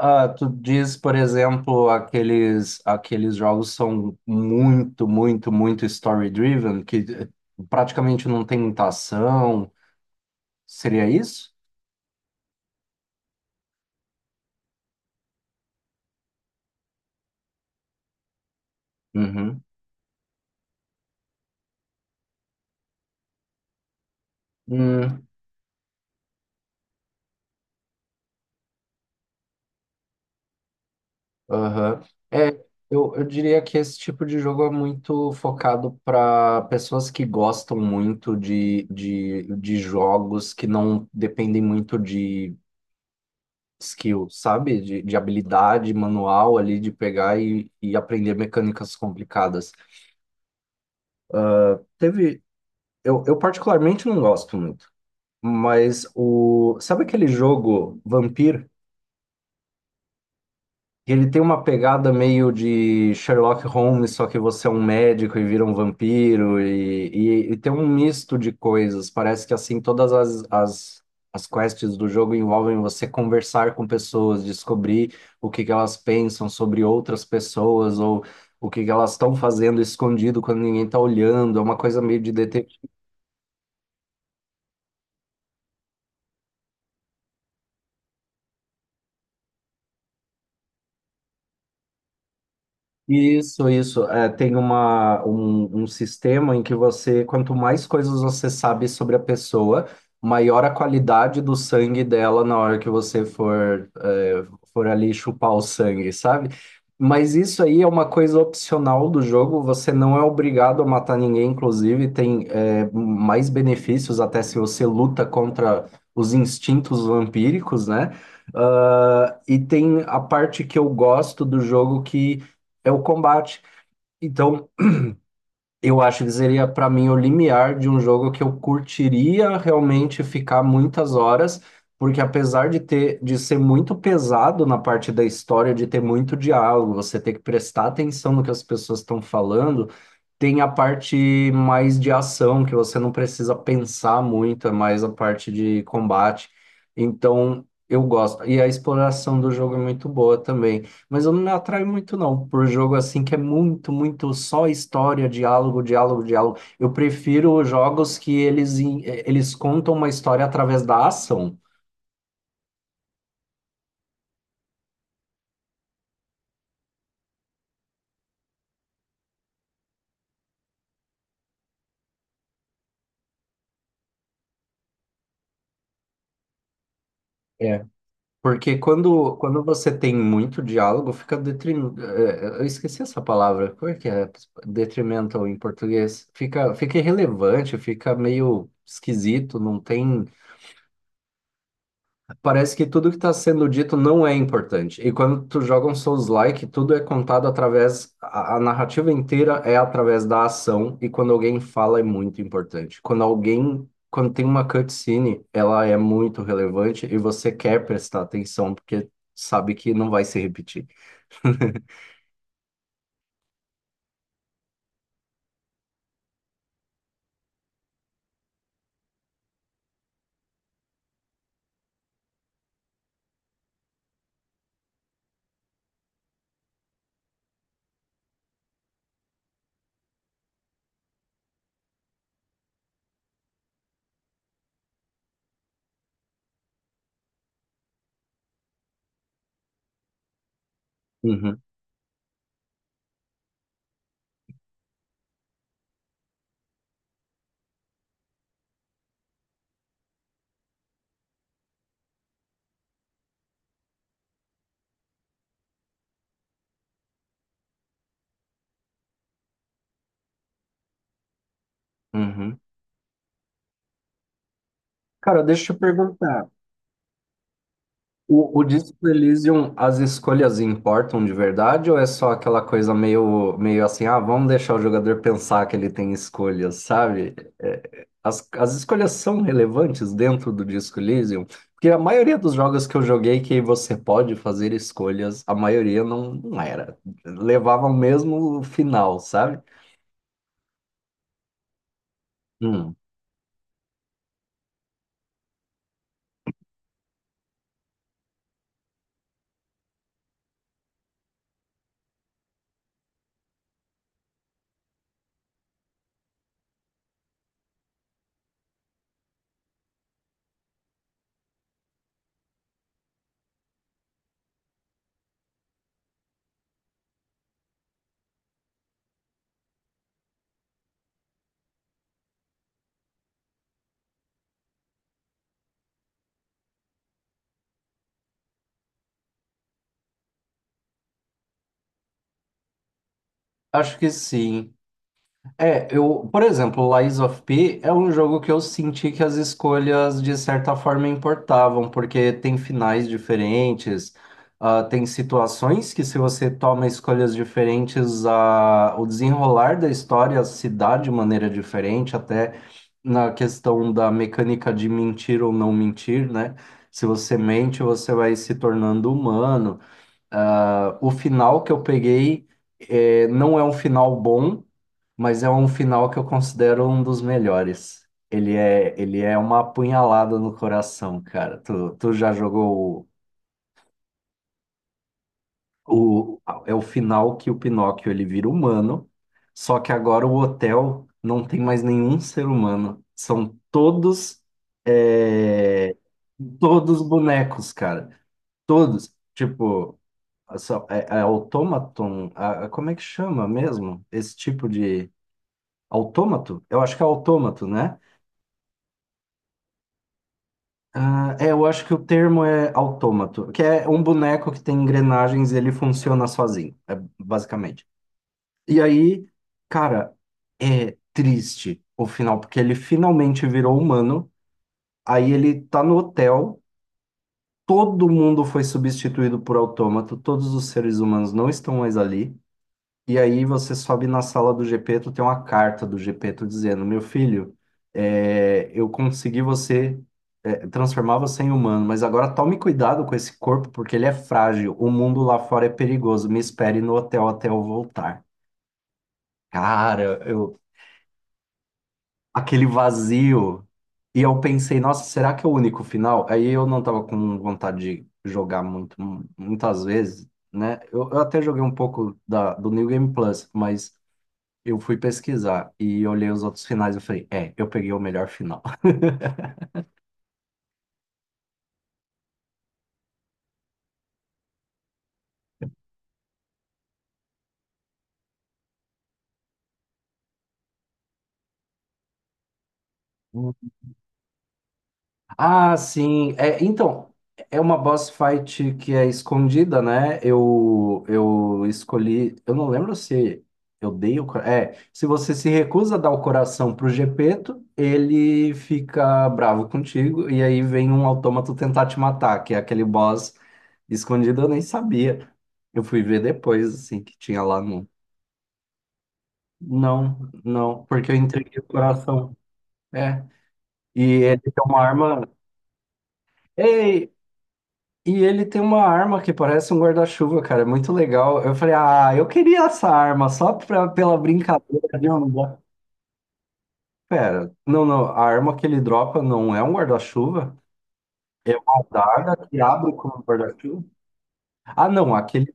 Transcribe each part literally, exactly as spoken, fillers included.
Ah, tu diz, por exemplo, aqueles, aqueles jogos são muito, muito, muito story-driven, que eh, praticamente não tem muita ação. Seria isso? Uhum. Hum, aham. É, eu, eu diria que esse tipo de jogo é muito focado para pessoas que gostam muito de, de, de jogos que não dependem muito de skill, sabe? De, de habilidade manual ali, de pegar e, e aprender mecânicas complicadas. Teve. Eu, eu particularmente não gosto muito, mas o. Sabe aquele jogo Vampir? Que ele tem uma pegada meio de Sherlock Holmes, só que você é um médico e vira um vampiro, e, e, e tem um misto de coisas. Parece que assim, todas as, as, as quests do jogo envolvem você conversar com pessoas, descobrir o que que elas pensam sobre outras pessoas, ou o que que elas estão fazendo escondido quando ninguém está olhando. É uma coisa meio de detetive. Isso, isso. É, tem uma, um, um sistema em que você, quanto mais coisas você sabe sobre a pessoa, maior a qualidade do sangue dela na hora que você for, é, for ali chupar o sangue, sabe? Mas isso aí é uma coisa opcional do jogo, você não é obrigado a matar ninguém, inclusive tem, é, mais benefícios até se você luta contra os instintos vampíricos, né? Ah, e tem a parte que eu gosto do jogo que é o combate. Então, eu acho que seria para mim o limiar de um jogo que eu curtiria realmente ficar muitas horas, porque apesar de ter de ser muito pesado na parte da história, de ter muito diálogo, você ter que prestar atenção no que as pessoas estão falando, tem a parte mais de ação que você não precisa pensar muito, é mais a parte de combate. Então, eu gosto. E a exploração do jogo é muito boa também. Mas eu não me atraio muito, não, por jogo assim que é muito, muito só história, diálogo, diálogo, diálogo. Eu prefiro jogos que eles, em- eh, eles contam uma história através da ação. É. Porque quando, quando você tem muito diálogo, fica detrim... eh, eh, eu esqueci essa palavra. Como é que é? Detrimental em português. Fica, fica irrelevante, fica meio esquisito, não tem. Parece que tudo que está sendo dito não é importante. E quando tu joga um Souls-like, tudo é contado através. A, a narrativa inteira é através da ação, e quando alguém fala é muito importante. Quando alguém. Quando tem uma cutscene, ela é muito relevante e você quer prestar atenção, porque sabe que não vai se repetir. Uhum, uhum. Cara, deixa eu perguntar. O, o Disco Elysium, as escolhas importam de verdade ou é só aquela coisa meio, meio assim, ah, vamos deixar o jogador pensar que ele tem escolhas, sabe? É, as, as escolhas são relevantes dentro do Disco Elysium, porque a maioria dos jogos que eu joguei que você pode fazer escolhas, a maioria não, não era. Levava o mesmo final, sabe? Hum, acho que sim. É, eu, por exemplo, Lies of P é um jogo que eu senti que as escolhas de certa forma importavam, porque tem finais diferentes, ah, tem situações que se você toma escolhas diferentes, ah, o desenrolar da história se dá de maneira diferente, até na questão da mecânica de mentir ou não mentir, né? Se você mente, você vai se tornando humano. Ah, o final que eu peguei eh, não é um final bom, mas é um final que eu considero um dos melhores. Ele é, ele é uma apunhalada no coração, cara. Tu, tu já jogou o, o- é o final que o Pinóquio ele vira humano, só que agora o hotel não tem mais nenhum ser humano. São todos eh, todos bonecos, cara. Todos. Tipo só- é, é automaton, a- a- como é que chama mesmo? Esse tipo de autômato? Eu acho que é autômato, né? Ah, é, eu acho que o termo é autômato, que é um boneco que tem engrenagens e ele funciona sozinho, é, basicamente. E aí, cara, é triste o final, porque ele finalmente virou humano, aí ele tá no hotel, todo mundo foi substituído por autômato, todos os seres humanos não estão mais ali. E aí você sobe na sala do Gepeto, tem uma carta do Gepeto dizendo, meu filho, é, eu consegui você é, transformar você em humano, mas agora tome cuidado com esse corpo porque ele é frágil. O mundo lá fora é perigoso. Me espere no hotel até eu voltar. Cara, eu aquele vazio. E eu pensei, nossa, será que é o único final? Aí eu não tava com vontade de jogar muito, muitas vezes, né? Eu, eu até joguei um pouco da, do New Game Plus, mas eu fui pesquisar e olhei os outros finais e eu falei, é, eu peguei o melhor final. Ah, sim. É, então, é uma boss fight que é escondida, né? Eu, eu escolhi. Eu não lembro se eu dei o. cora- É, se você se recusa a dar o coração pro Gepeto, ele fica bravo contigo. E aí vem um autômato tentar te matar, que é aquele boss escondido, eu nem sabia. Eu fui ver depois, assim, que tinha lá no. Não, não, porque eu entreguei o coração. É. E ele tem uma arma. Ei! E ele tem uma arma que parece um guarda-chuva, cara. É muito legal. Eu falei, ah, eu queria essa arma só pra, pela brincadeira de eu não. lugar." Pera, não, não. A arma que ele dropa não é um guarda-chuva. É uma adaga que abre como um guarda-chuva. Ah, não. Aquele.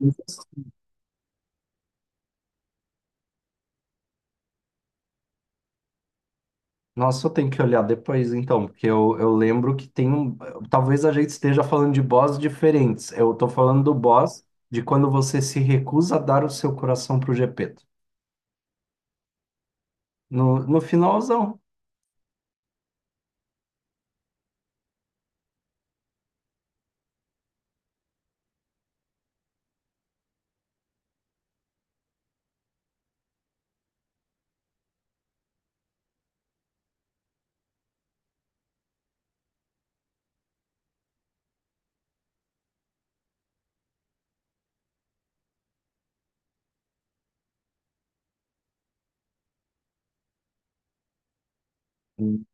Nossa, eu tenho que olhar depois, então, porque eu, eu lembro que tem um. Talvez a gente esteja falando de boss diferentes. Eu tô falando do boss de quando você se recusa a dar o seu coração pro Gepeto. No, no finalzão. Hum,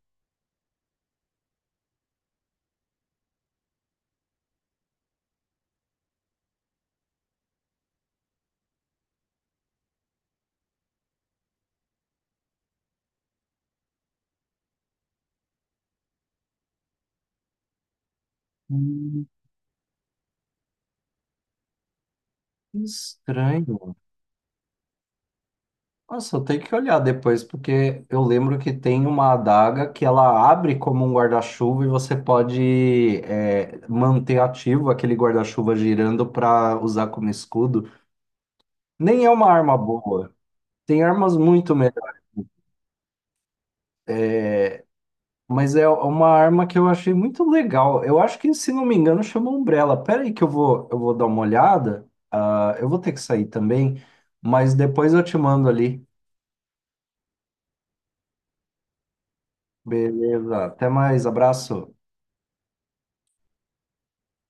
que estranho. Nossa, eu tenho que olhar depois, porque eu lembro que tem uma adaga que ela abre como um guarda-chuva e você pode é, manter ativo aquele guarda-chuva girando para usar como escudo. Nem é uma arma boa. Tem armas muito Mas é uma arma que eu achei muito legal. Eu acho que, se não me engano, chama Umbrella. Pera aí que eu vou, eu vou dar uma olhada. Ah, eu vou ter que sair também, mas depois eu te mando ali. Beleza. Até mais. Abraço.